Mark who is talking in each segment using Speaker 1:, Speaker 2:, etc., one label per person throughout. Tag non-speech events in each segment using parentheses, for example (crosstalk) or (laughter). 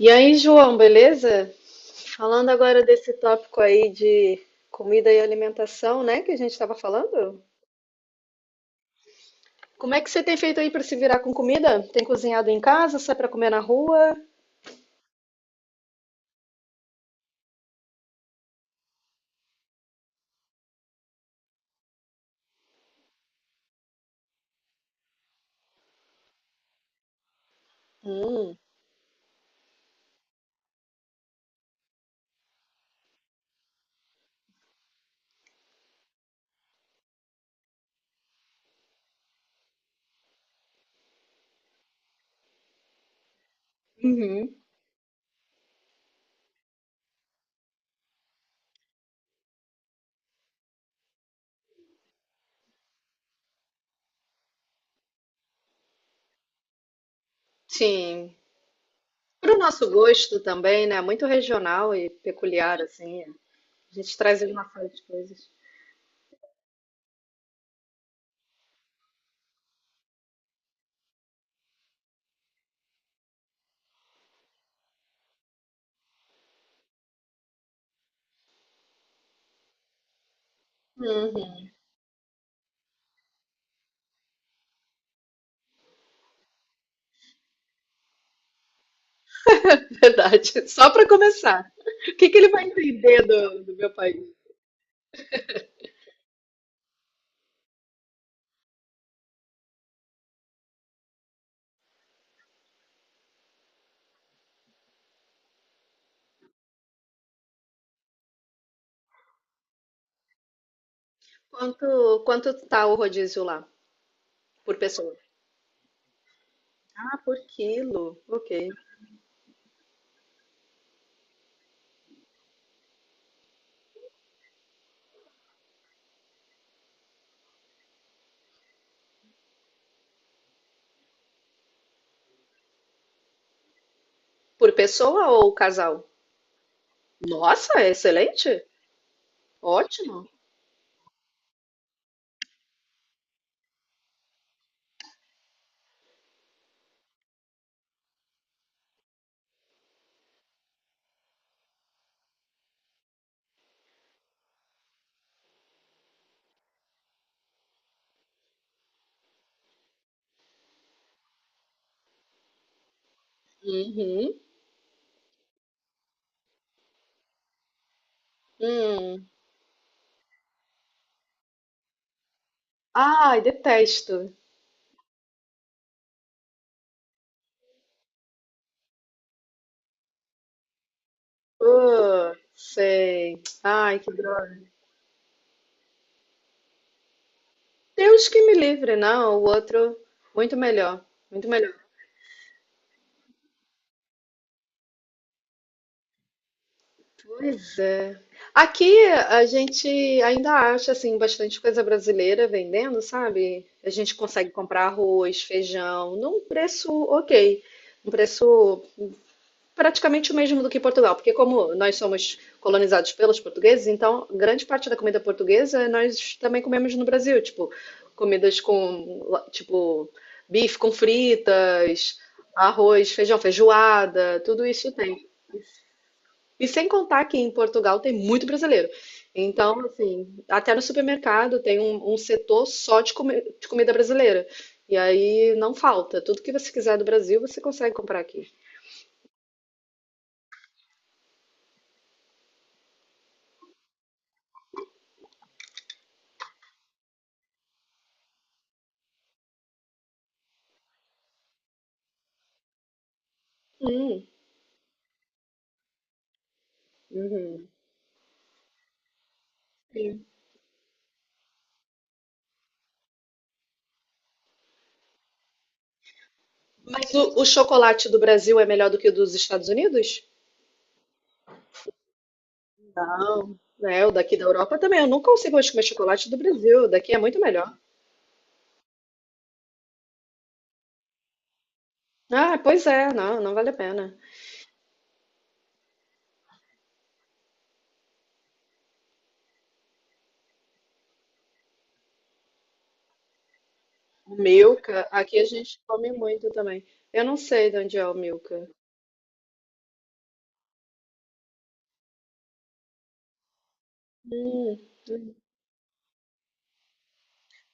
Speaker 1: E aí, João, beleza? Falando agora desse tópico aí de comida e alimentação, né, que a gente estava falando. Como é que você tem feito aí para se virar com comida? Tem cozinhado em casa? Sai para comer na rua? Hum. Uhum. Sim. Para o nosso gosto também, né? Muito regional e peculiar, assim. A gente traz ali uma série de coisas. Uhum. (laughs) Verdade. Só para começar. O que que ele vai entender do meu país? Quanto tá o rodízio lá por pessoa? Ah, por quilo. Ok. Por pessoa ou casal? Nossa, é excelente. Ótimo. Uhum. Hum. Ai, detesto. Ah, sei. Ai, que droga. Deus que me livre, não. O outro, muito melhor. Muito melhor. Pois é. Aqui a gente ainda acha assim bastante coisa brasileira vendendo, sabe? A gente consegue comprar arroz, feijão, num preço ok, um preço praticamente o mesmo do que Portugal, porque como nós somos colonizados pelos portugueses, então grande parte da comida portuguesa nós também comemos no Brasil, tipo comidas com tipo bife com fritas, arroz, feijão, feijoada, tudo isso tem. E sem contar que em Portugal tem muito brasileiro. Então, assim, até no supermercado tem um setor só de, de comida brasileira. E aí não falta. Tudo que você quiser do Brasil, você consegue comprar aqui. Hum. Uhum. Mas o chocolate do Brasil é melhor do que o dos Estados Unidos? Não, né? O daqui da Europa também. Eu não consigo mais comer chocolate do Brasil. O daqui é muito melhor. Ah, pois é, não, não vale a pena. O Milka, aqui a gente come muito também. Eu não sei de onde é o Milka. Hum.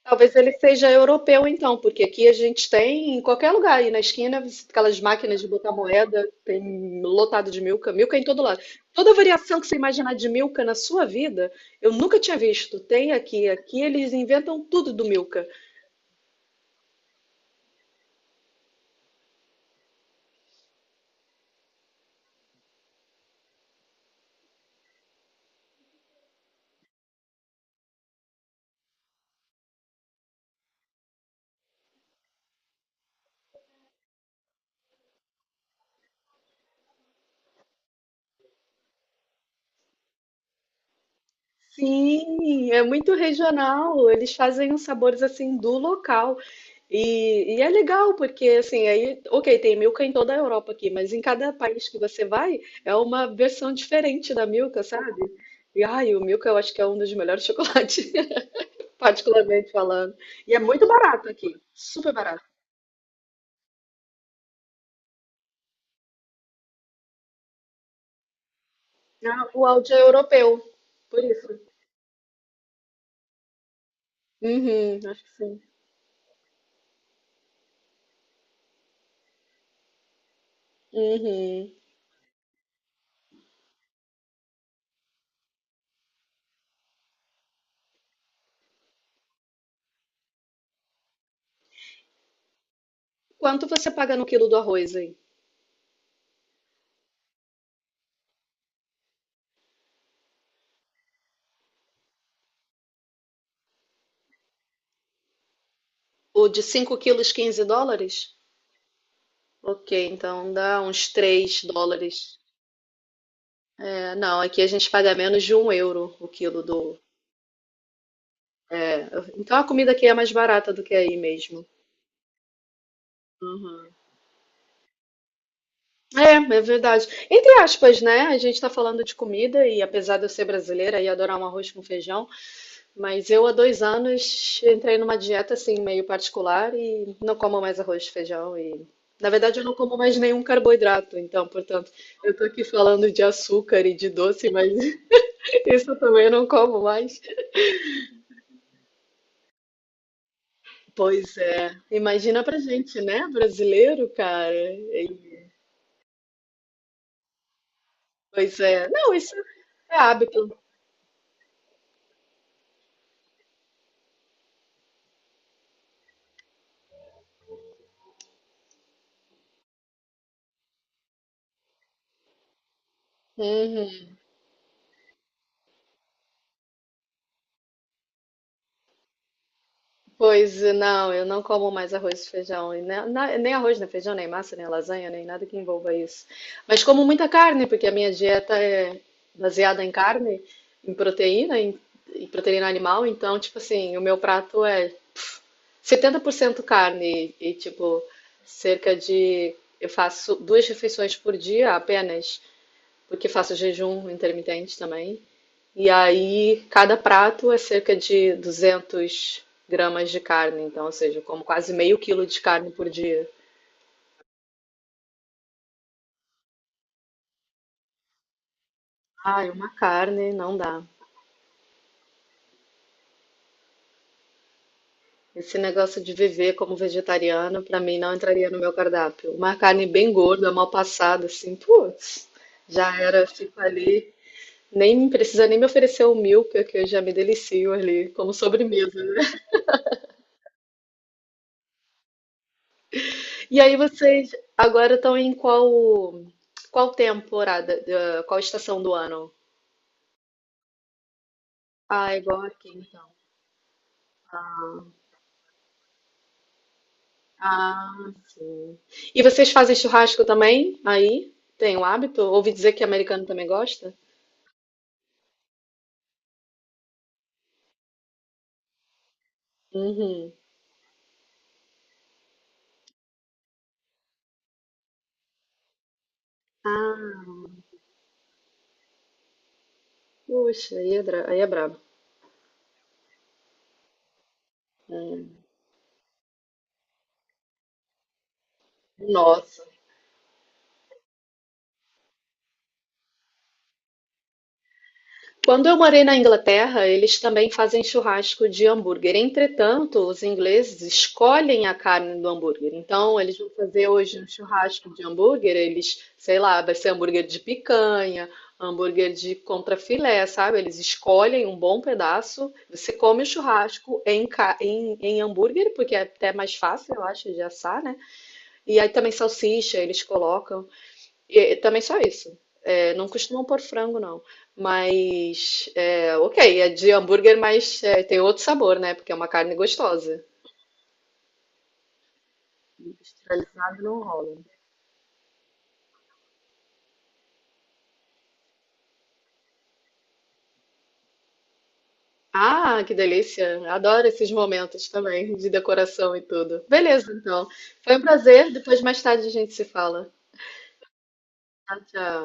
Speaker 1: Talvez ele seja europeu, então, porque aqui a gente tem, em qualquer lugar aí na esquina, aquelas máquinas de botar moeda, tem lotado de Milka, Milka em todo lado. Toda variação que você imaginar de Milka na sua vida, eu nunca tinha visto. Tem aqui, aqui eles inventam tudo do Milka. Sim, é muito regional. Eles fazem os sabores assim do local. E é legal, porque assim, aí, ok, tem Milka em toda a Europa aqui, mas em cada país que você vai, é uma versão diferente da Milka, sabe? E ai, o Milka eu acho que é um dos melhores (laughs) chocolates, particularmente falando. E é muito barato aqui, super barato. Ah, o Aldi é europeu, por isso. Uhum, acho que sim. Uhum. Quanto você paga no quilo do arroz aí? O de 5 quilos, US$ 15? Ok, então dá uns US$ 3. É, não, aqui a gente paga menos de € 1 o quilo do. É, então a comida aqui é mais barata do que aí mesmo. Uhum. É verdade. Entre aspas, né? A gente tá falando de comida e apesar de eu ser brasileira e adorar um arroz com feijão, mas eu há 2 anos entrei numa dieta assim meio particular e não como mais arroz e feijão e na verdade eu não como mais nenhum carboidrato, então, portanto, eu tô aqui falando de açúcar e de doce, mas (laughs) isso também eu também não como mais. Pois é. Imagina pra gente, né? Brasileiro, cara. Pois é. Não, isso é hábito. Uhum. Pois é, não, eu não como mais arroz e feijão. E nem arroz, nem feijão, nem massa, nem lasanha, nem nada que envolva isso. Mas como muita carne, porque a minha dieta é baseada em carne, em proteína, em proteína animal. Então, tipo assim, o meu prato é 70% carne e, tipo, cerca de. Eu faço 2 refeições por dia apenas, porque faço jejum intermitente também. E aí, cada prato é cerca de 200 gramas de carne. Então, ou seja, eu como quase meio quilo de carne por dia. Ai, uma carne não dá. Esse negócio de viver como vegetariano, pra mim, não entraria no meu cardápio. Uma carne bem gorda, mal passada, assim, putz, já era, fico ali. Nem precisa nem me oferecer o milk, que eu já me delicio ali, como sobremesa. E aí vocês agora estão em qual qual temporada, eh, qual estação do ano? Ah, é igual aqui então. Ah, sim. E vocês fazem churrasco também? Aí? Tem o hábito? Ouvi dizer que americano também gosta? Uhum. Ah, puxa, aí é, aí é brabo. Hum. Nossa. Quando eu morei na Inglaterra, eles também fazem churrasco de hambúrguer. Entretanto, os ingleses escolhem a carne do hambúrguer. Então, eles vão fazer hoje um churrasco de hambúrguer, eles, sei lá, vai ser hambúrguer de picanha, hambúrguer de contrafilé, sabe? Eles escolhem um bom pedaço. Você come o churrasco em hambúrguer, porque é até mais fácil, eu acho, de assar, né? E aí também salsicha eles colocam. E também só isso. É, não costumam pôr frango, não. Mas, é, ok, é de hambúrguer, mas é, tem outro sabor, né? Porque é uma carne gostosa. Industrializado não rola. Ah, que delícia! Adoro esses momentos também, de decoração e tudo. Beleza, então. Foi um prazer. Depois, mais tarde, a gente se fala. Tchau, tchau.